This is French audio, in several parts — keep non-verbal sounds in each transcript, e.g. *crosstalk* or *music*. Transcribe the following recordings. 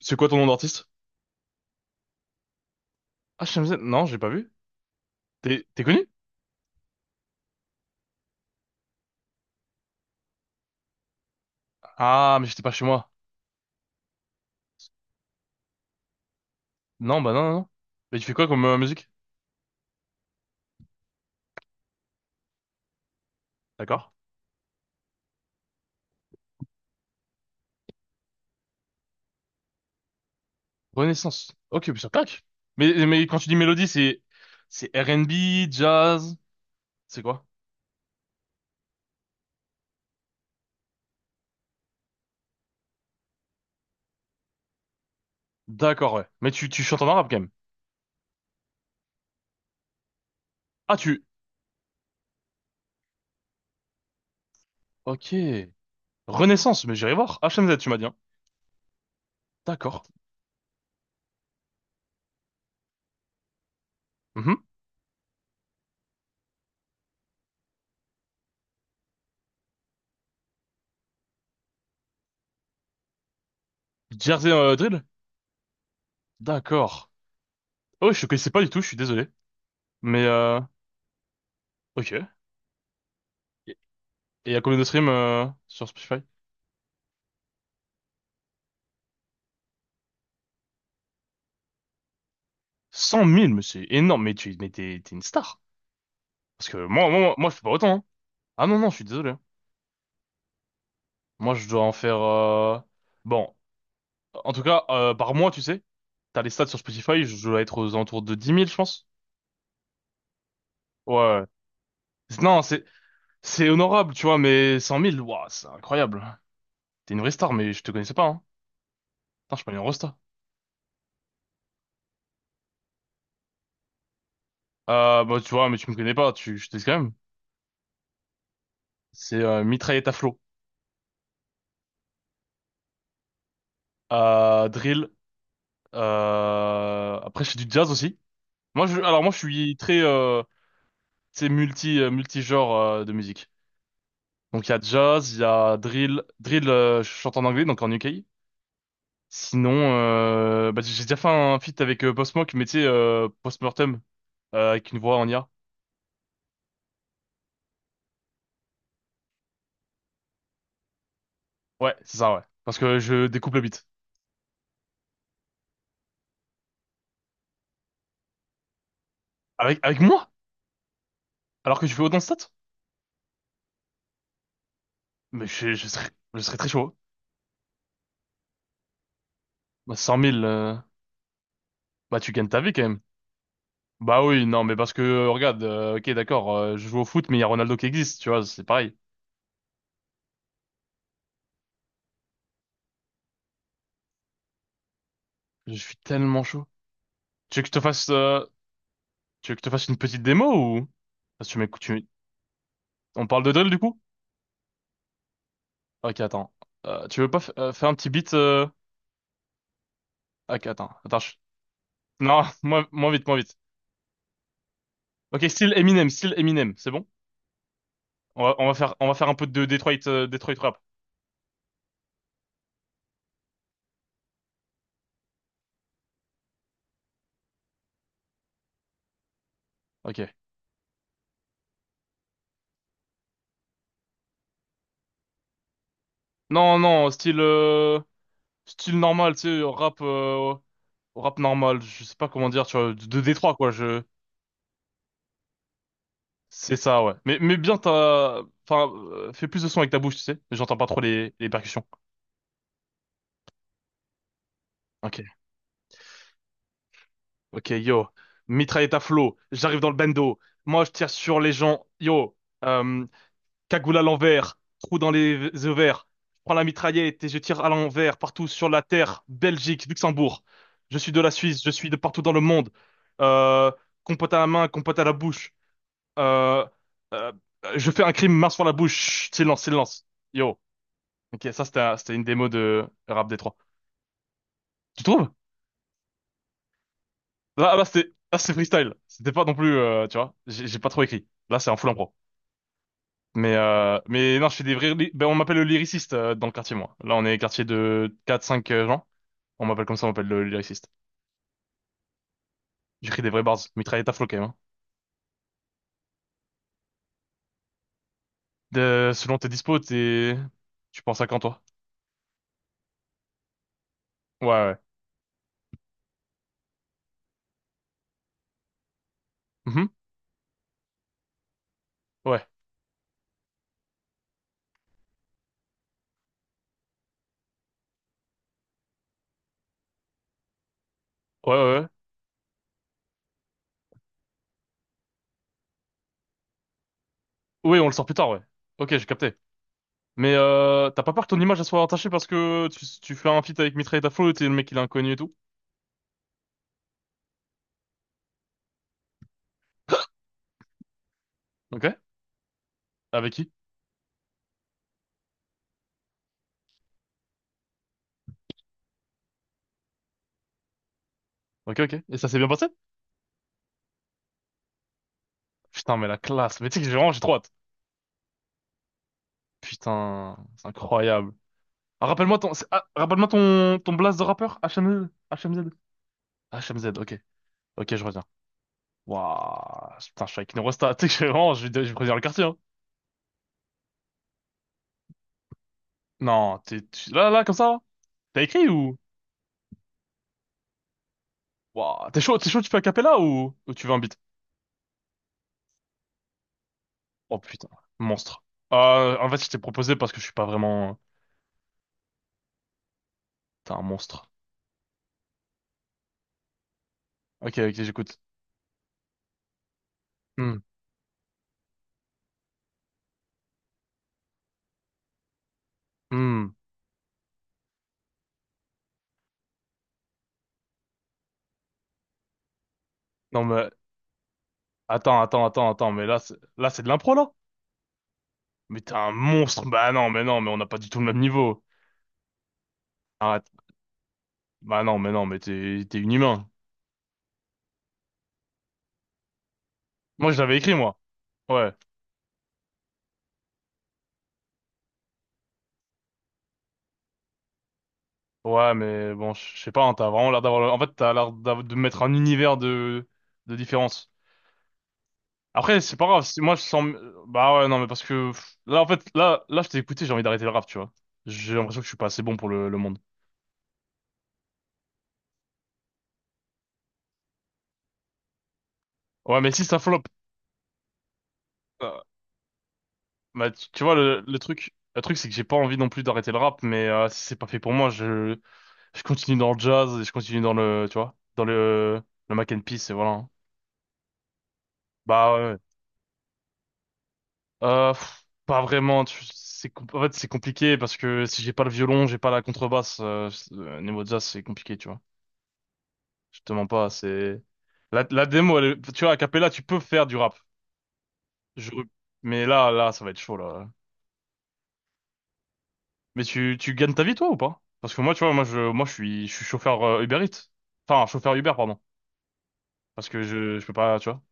C'est quoi ton nom d'artiste? Ah, Shamsen? Non, j'ai pas vu. T'es connu? Ah, mais j'étais pas chez moi. Non, bah non, non, non. Mais tu fais quoi comme musique? D'accord. Renaissance. Ok, puis ça claque. Mais quand tu dis mélodie, c'est R&B, jazz, c'est quoi? D'accord, ouais. Mais tu chantes en arabe quand même. Ah. Ok. Renaissance, mais j'irai voir. HMZ, tu m'as dit, hein. D'accord. Mhm. Jersey Drill? D'accord. Ah ouais, je te connaissais pas du tout, je suis désolé. Mais, euh... Ok. Et il y a combien de streams sur Spotify? 100 000, mais c'est énorme. Mais t'es une star. Parce que moi, je fais pas autant, hein. Ah non, non, je suis désolé, hein. Moi, je dois en faire. Bon, en tout cas, par mois, tu sais, t'as les stats sur Spotify. Je dois être aux alentours de 10 000, je pense. Ouais, ouais. Non, c'est honorable, tu vois, mais 100 000, ouah, c'est incroyable. T'es une vraie star, mais je te connaissais pas, hein. Putain, je suis pas une rosta. Bah, tu vois, mais tu me connais pas. Je te dis quand même. C'est mitraillette à flot, drill. Après, je fais du jazz aussi. Moi, je, alors moi, je suis très C'est multi-genre de musique. Donc il y a jazz, il y a drill, je chante en anglais donc en UK. Sinon bah, j'ai déjà fait un feat avec Post Malone, mais tu sais post-mortem avec une voix en IA. Ouais, c'est ça, ouais. Parce que je découpe le beat. Avec moi? Alors que je fais autant de stats? Mais je serais très chaud, hein. Bah, 100 000 bah tu gagnes ta vie quand même. Bah oui, non mais parce que regarde, OK d'accord, je joue au foot mais il y a Ronaldo qui existe, tu vois, c'est pareil. Je suis tellement chaud. Tu veux que je te fasse euh, Tu veux que je te fasse une petite démo ou... Parce que tu m'écoutes, On parle de drill du coup? Ok, attends. Tu veux pas faire un petit beat Ok, attends, attends. Non, *laughs* moins, moins vite, moins vite. Ok, style Eminem, c'est bon? On va faire un peu de Detroit, Detroit rap. Ok. Non, non, style normal, tu sais, rap normal. Je sais pas comment dire, tu vois, de Détroit quoi. C'est ça, ouais. Mais bien, t'as, enfin, fais plus de son avec ta bouche, tu sais. J'entends pas trop les percussions. Ok. Ok, yo, mitraillette à flot, j'arrive dans le bando, moi je tire sur les gens, yo, euh, cagoule à l'envers, trou dans les ovaires, je prends la mitraillette et je tire à l'envers, partout sur la terre, Belgique, Luxembourg, je suis de la Suisse, je suis de partout dans le monde, euh, compote à la main, compote à la bouche, euh, euh, je fais un crime, main sur la bouche, chut, silence, silence, yo, ok, ça c'était c'était une démo de rap d trois, tu trouves? Là, c'était freestyle. C'était pas non plus, tu vois, j'ai pas trop écrit. Là, c'est un full impro. Mais non, je fais des vrais... Ben, on m'appelle le lyriciste dans le quartier, moi. Là, on est quartier de quatre, cinq gens. On m'appelle comme ça, on m'appelle le lyriciste. J'écris des vrais bars. Mitraillette à flot, quand même, hein. Selon tes dispos, t'es... Tu penses à quand, toi? Ouais, ouais. Mhm. Ouais. Ouais, ouais, ouais. Oui, on le sort plus tard, ouais. Ok, j'ai capté. Mais t'as pas peur que ton image elle soit entachée parce que tu fais un feat avec Mitraillette à flot et t'es le mec il est inconnu et tout? *gasps* Ok. Avec qui? Ok, ok. Et ça s'est bien passé? Putain, mais la classe. Mais tu sais que j'ai vraiment, j'ai trop hâte. Putain, c'est incroyable. Ah, rappelle-moi ton, c'est- ah, rappelle-moi ton, ton blast de rappeur, HMZ. HMZ. HMZ, ok. Ok, je reviens. Waouh, putain, je suis avec une Rosta. *laughs* Tu sais que je suis vraiment, je vais prévenir le quartier, hein. Non, là, là, comme ça? T'as écrit ou? Waouh, t'es chaud, tu fais a cappella ou tu veux un beat? Oh putain, monstre. En fait, je t'ai proposé parce que je suis pas vraiment, t'es un monstre. Ok, ok, j'écoute. Hmm, hmm. Non, mais, attends, attends, attends, attends, mais là, c'est de l'impro, là? Mais t'es un monstre. Bah non, mais non, mais on n'a pas du tout le même niveau. Arrête. Bah non, mais non, mais t'es une humain. Moi, je l'avais écrit, moi. Ouais. Ouais, mais bon, je sais pas, hein, t'as vraiment l'air d'avoir... En fait, t'as l'air de mettre un univers de différence. Après, c'est pas grave. Moi, je sens... Bah ouais, non, mais parce que... là, en fait, je t'ai écouté, j'ai envie d'arrêter le rap, tu vois. J'ai l'impression que je suis pas assez bon pour le monde. Ouais, mais si ça flop... euh, bah, tu vois, le truc... Le truc, c'est que j'ai pas envie non plus d'arrêter le rap, mais si c'est pas fait pour moi, je... Je continue dans le jazz et je continue dans le, tu vois, dans le mac and peace et voilà, hein. Bah ouais, ouais. Pas vraiment. C'est, en fait, c'est compliqué parce que si j'ai pas le violon, j'ai pas la contrebasse. Niveau jazz, c'est compliqué, tu vois. Je te mens pas. C'est la démo, tu vois, à cappella, tu peux faire du rap. Je- Mais là, là, ça va être chaud là. Mais tu gagnes ta vie toi ou pas? Parce que moi, tu vois, je suis chauffeur Uber Eats. Enfin, chauffeur Uber, pardon. Parce que je peux pas, tu vois.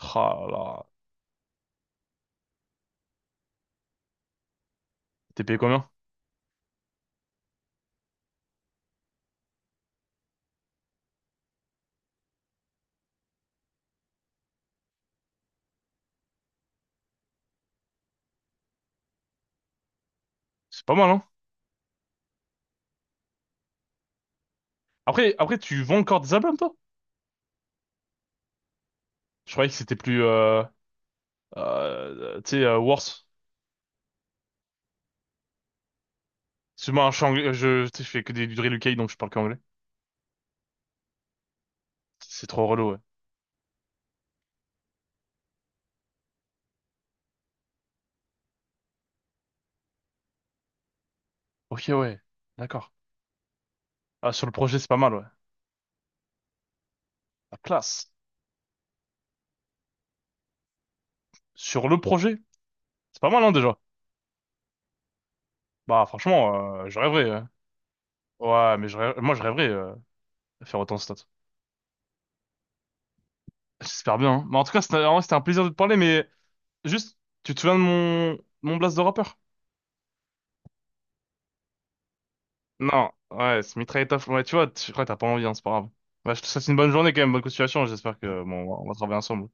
Ah là, là. T'es payé combien? C'est pas mal, hein? Après, tu vends encore des albums, toi? Je croyais que c'était plus, tu sais, worse. Excuse-moi, hein, je, suis anglais- je, tu sais, je fais que des du drill UK, donc je parle qu'anglais. C'est trop relou, ouais. Ok, ouais. D'accord. Ah, sur le projet, c'est pas mal, ouais. La classe. Sur le projet, c'est pas mal, hein, déjà. Bah, franchement, je rêverais, ouais. Ouais, mais moi, je rêverais, de faire autant de stats. J'espère bien, hein. Mais en tout cas, c'était en vrai, c'était un plaisir de te parler, mais juste, tu te souviens de mon blast de rappeur? Non, ouais, c'est Mitrailletov. Ouais, tu vois, tu crois que t'as pas envie, hein, c'est pas grave. Bah, je te souhaite une bonne journée quand même, bonne continuation. J'espère que bon, on va travailler ensemble.